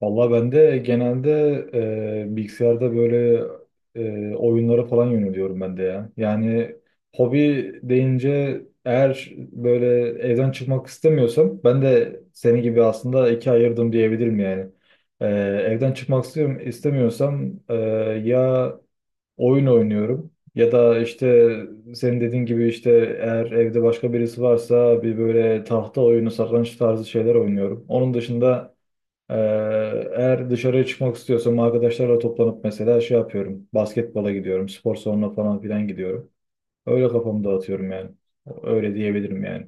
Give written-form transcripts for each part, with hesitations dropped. Valla ben de genelde bilgisayarda böyle oyunlara falan yöneliyorum ben de ya. Yani hobi deyince eğer böyle evden çıkmak istemiyorsam ben de seni gibi aslında ikiye ayırdım diyebilirim yani. E, evden çıkmak istiyorum, istemiyorsam ya oyun oynuyorum ya da işte senin dediğin gibi işte eğer evde başka birisi varsa bir böyle tahta oyunu, satranç tarzı şeyler oynuyorum. Onun dışında ee, eğer dışarıya çıkmak istiyorsam arkadaşlarla toplanıp mesela şey yapıyorum. Basketbola gidiyorum, spor salonuna falan filan gidiyorum. Öyle kafamı dağıtıyorum yani. Öyle diyebilirim yani.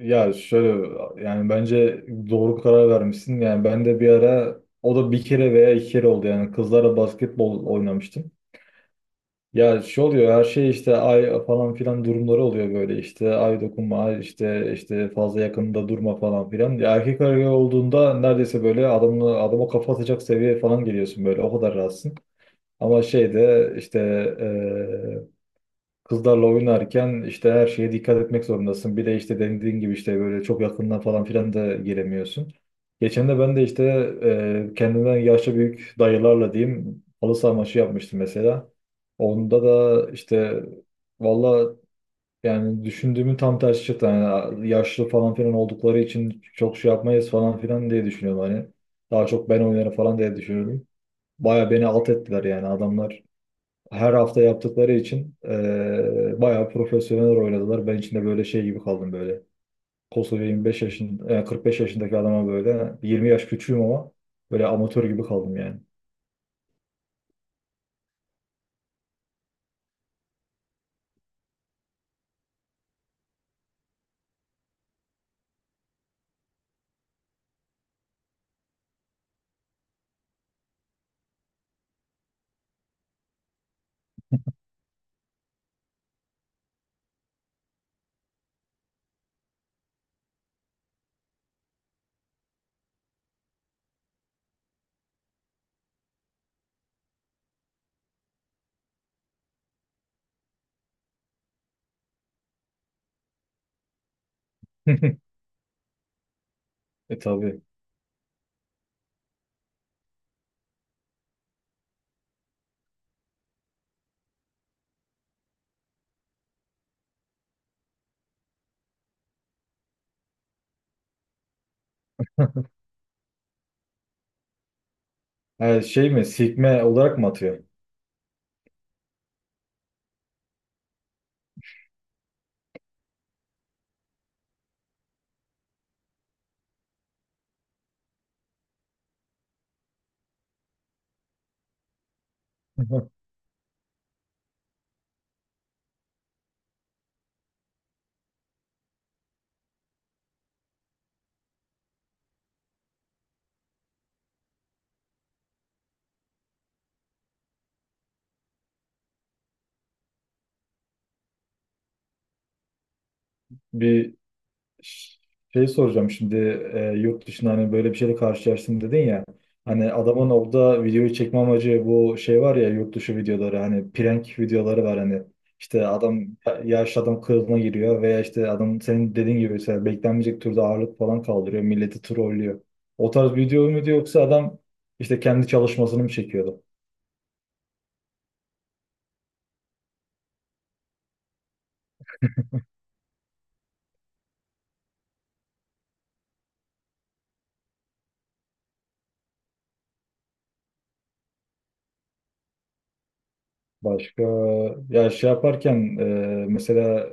Ya şöyle yani bence doğru karar vermişsin. Yani ben de bir ara o da bir kere veya iki kere oldu yani kızlarla basketbol oynamıştım. Ya şey oluyor her şey işte ay falan filan durumları oluyor böyle işte ay dokunma ay işte işte fazla yakında durma falan filan. Ya erkek arıyor olduğunda neredeyse böyle adamla adama kafa atacak seviyeye falan geliyorsun böyle o kadar rahatsın. Ama şeyde işte kızlarla oynarken işte her şeye dikkat etmek zorundasın. Bir de işte dediğin gibi işte böyle çok yakından falan filan da giremiyorsun. Geçen de ben de işte kendimden yaşça büyük dayılarla diyeyim halı saha maçı yapmıştım mesela. Onda da işte valla yani düşündüğümün tam tersi çıktı. Yani yaşlı falan filan oldukları için çok şey yapmayız falan filan diye düşünüyorum hani. Daha çok ben oynarım falan diye düşünüyorum. Baya beni alt ettiler yani adamlar her hafta yaptıkları için bayağı profesyonel oynadılar. Ben içinde böyle şey gibi kaldım böyle. Kosova 25 yaşın, 45 yaşındaki adama böyle 20 yaş küçüğüm ama böyle amatör gibi kaldım yani. E tabii. Ha, şey mi? Sikme olarak mı atıyor? Bir şey soracağım şimdi, yurt dışında hani böyle bir şeyle karşılaştım dedin ya. Hani adamın orada videoyu çekme amacı bu şey var ya, yurt dışı videoları hani prank videoları var hani. İşte adam yaşlı adam kılığına giriyor veya işte adam senin dediğin gibi mesela beklenmeyecek türde ağırlık falan kaldırıyor. Milleti trollüyor. O tarz video muydu yoksa adam işte kendi çalışmasını mı çekiyordu? Başka ya şey yaparken, mesela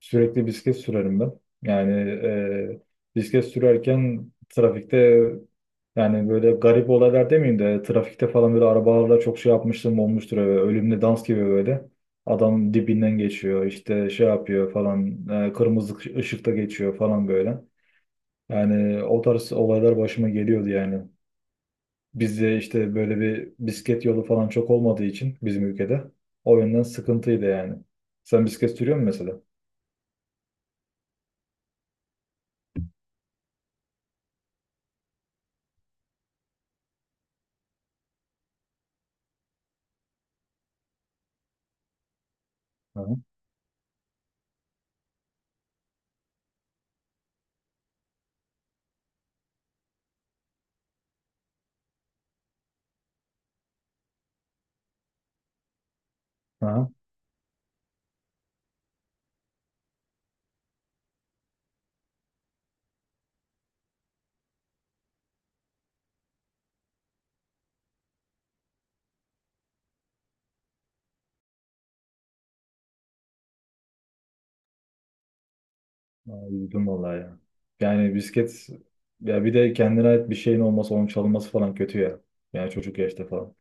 sürekli bisiklet sürerim ben. Yani bisiklet sürerken trafikte yani böyle garip olaylar demeyeyim de trafikte falan böyle arabalarla çok şey yapmıştım olmuştur. Öyle, ölümle dans gibi böyle. Adam dibinden geçiyor işte şey yapıyor falan, kırmızı ışıkta geçiyor falan böyle. Yani o tarz olaylar başıma geliyordu yani. Bizde işte böyle bir bisiklet yolu falan çok olmadığı için bizim ülkede, o yönden sıkıntıydı yani. Sen bisiklet sürüyor musun mesela? Hı hı. Hı hı. Aa, üzüldüm vallahi ya. Yani bisiklet, ya bir de kendine ait bir şeyin olması onun çalınması falan kötü ya. Yani çocuk yaşta falan.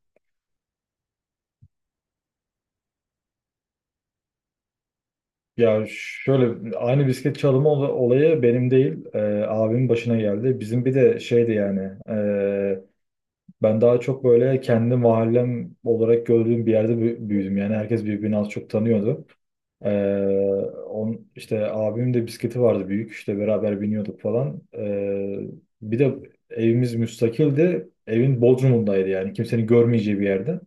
Ya şöyle, aynı bisiklet çalımı olayı benim değil, abimin başına geldi. Bizim bir de şeydi yani ben daha çok böyle kendi mahallem olarak gördüğüm bir yerde büyüdüm. Yani herkes birbirini az çok tanıyordu. Ee, on, işte abimin de bisikleti vardı büyük. İşte beraber biniyorduk falan. Bir de evimiz müstakildi. Evin Bodrum'undaydı yani. Kimsenin görmeyeceği bir yerde.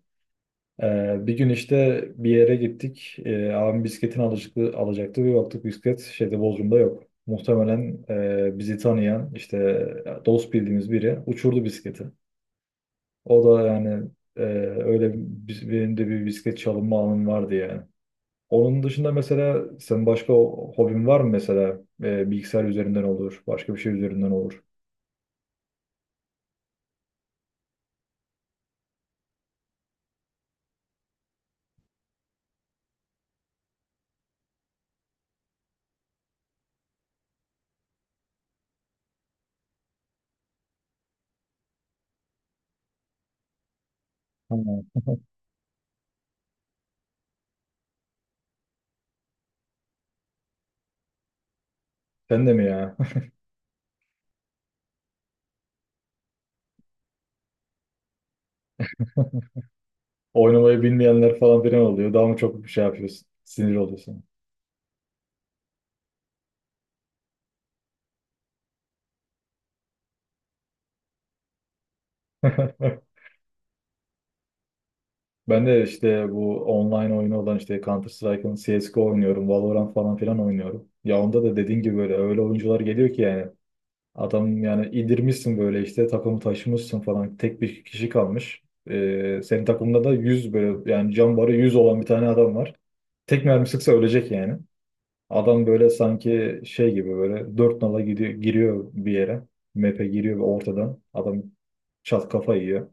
Bir gün işte bir yere gittik. Abim bisikletini alacaktı. Bir baktık bisiklet şeyde Bodrum'da yok. Muhtemelen bizi tanıyan işte dost bildiğimiz biri uçurdu bisikleti. O da yani e, benim de bir bisiklet çalınma anım vardı yani. Onun dışında mesela sen başka hobin var mı mesela? E, bilgisayar üzerinden olur, başka bir şey üzerinden olur. Ha. Sen de mi ya? Oynamayı bilmeyenler falan filan oluyor. Daha mı çok bir şey yapıyorsun? Sinir oluyorsun. Ben de işte bu online oyunu olan işte Counter Strike'ın CSGO oynuyorum. Valorant falan filan oynuyorum. Ya onda da dediğin gibi böyle öyle oyuncular geliyor ki yani. Adam yani indirmişsin böyle işte takımı taşımışsın falan. Tek bir kişi kalmış. Senin takımda da 100 böyle yani can barı 100 olan bir tane adam var. Tek mermi sıksa ölecek yani. Adam böyle sanki şey gibi böyle dört nala gidiyor, giriyor bir yere. Map'e giriyor ve ortadan. Adam çat kafa yiyor.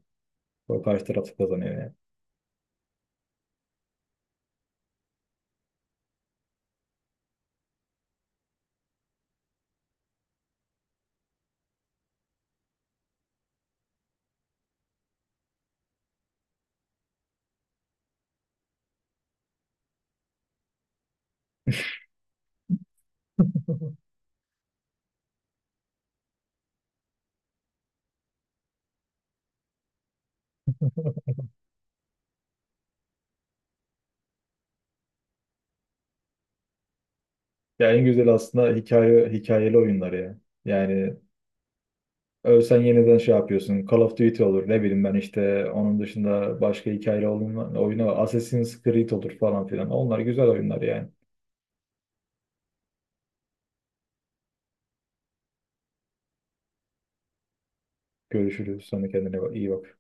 O karşı taraf kazanıyor yani. Ya en güzel aslında hikaye, hikayeli oyunlar ya. Yani ölsen yeniden şey yapıyorsun. Call of Duty olur. Ne bileyim ben işte onun dışında başka hikayeli oyunu Assassin's Creed olur falan filan. Onlar güzel oyunlar yani. Görüşürüz. Sonra kendine iyi bak.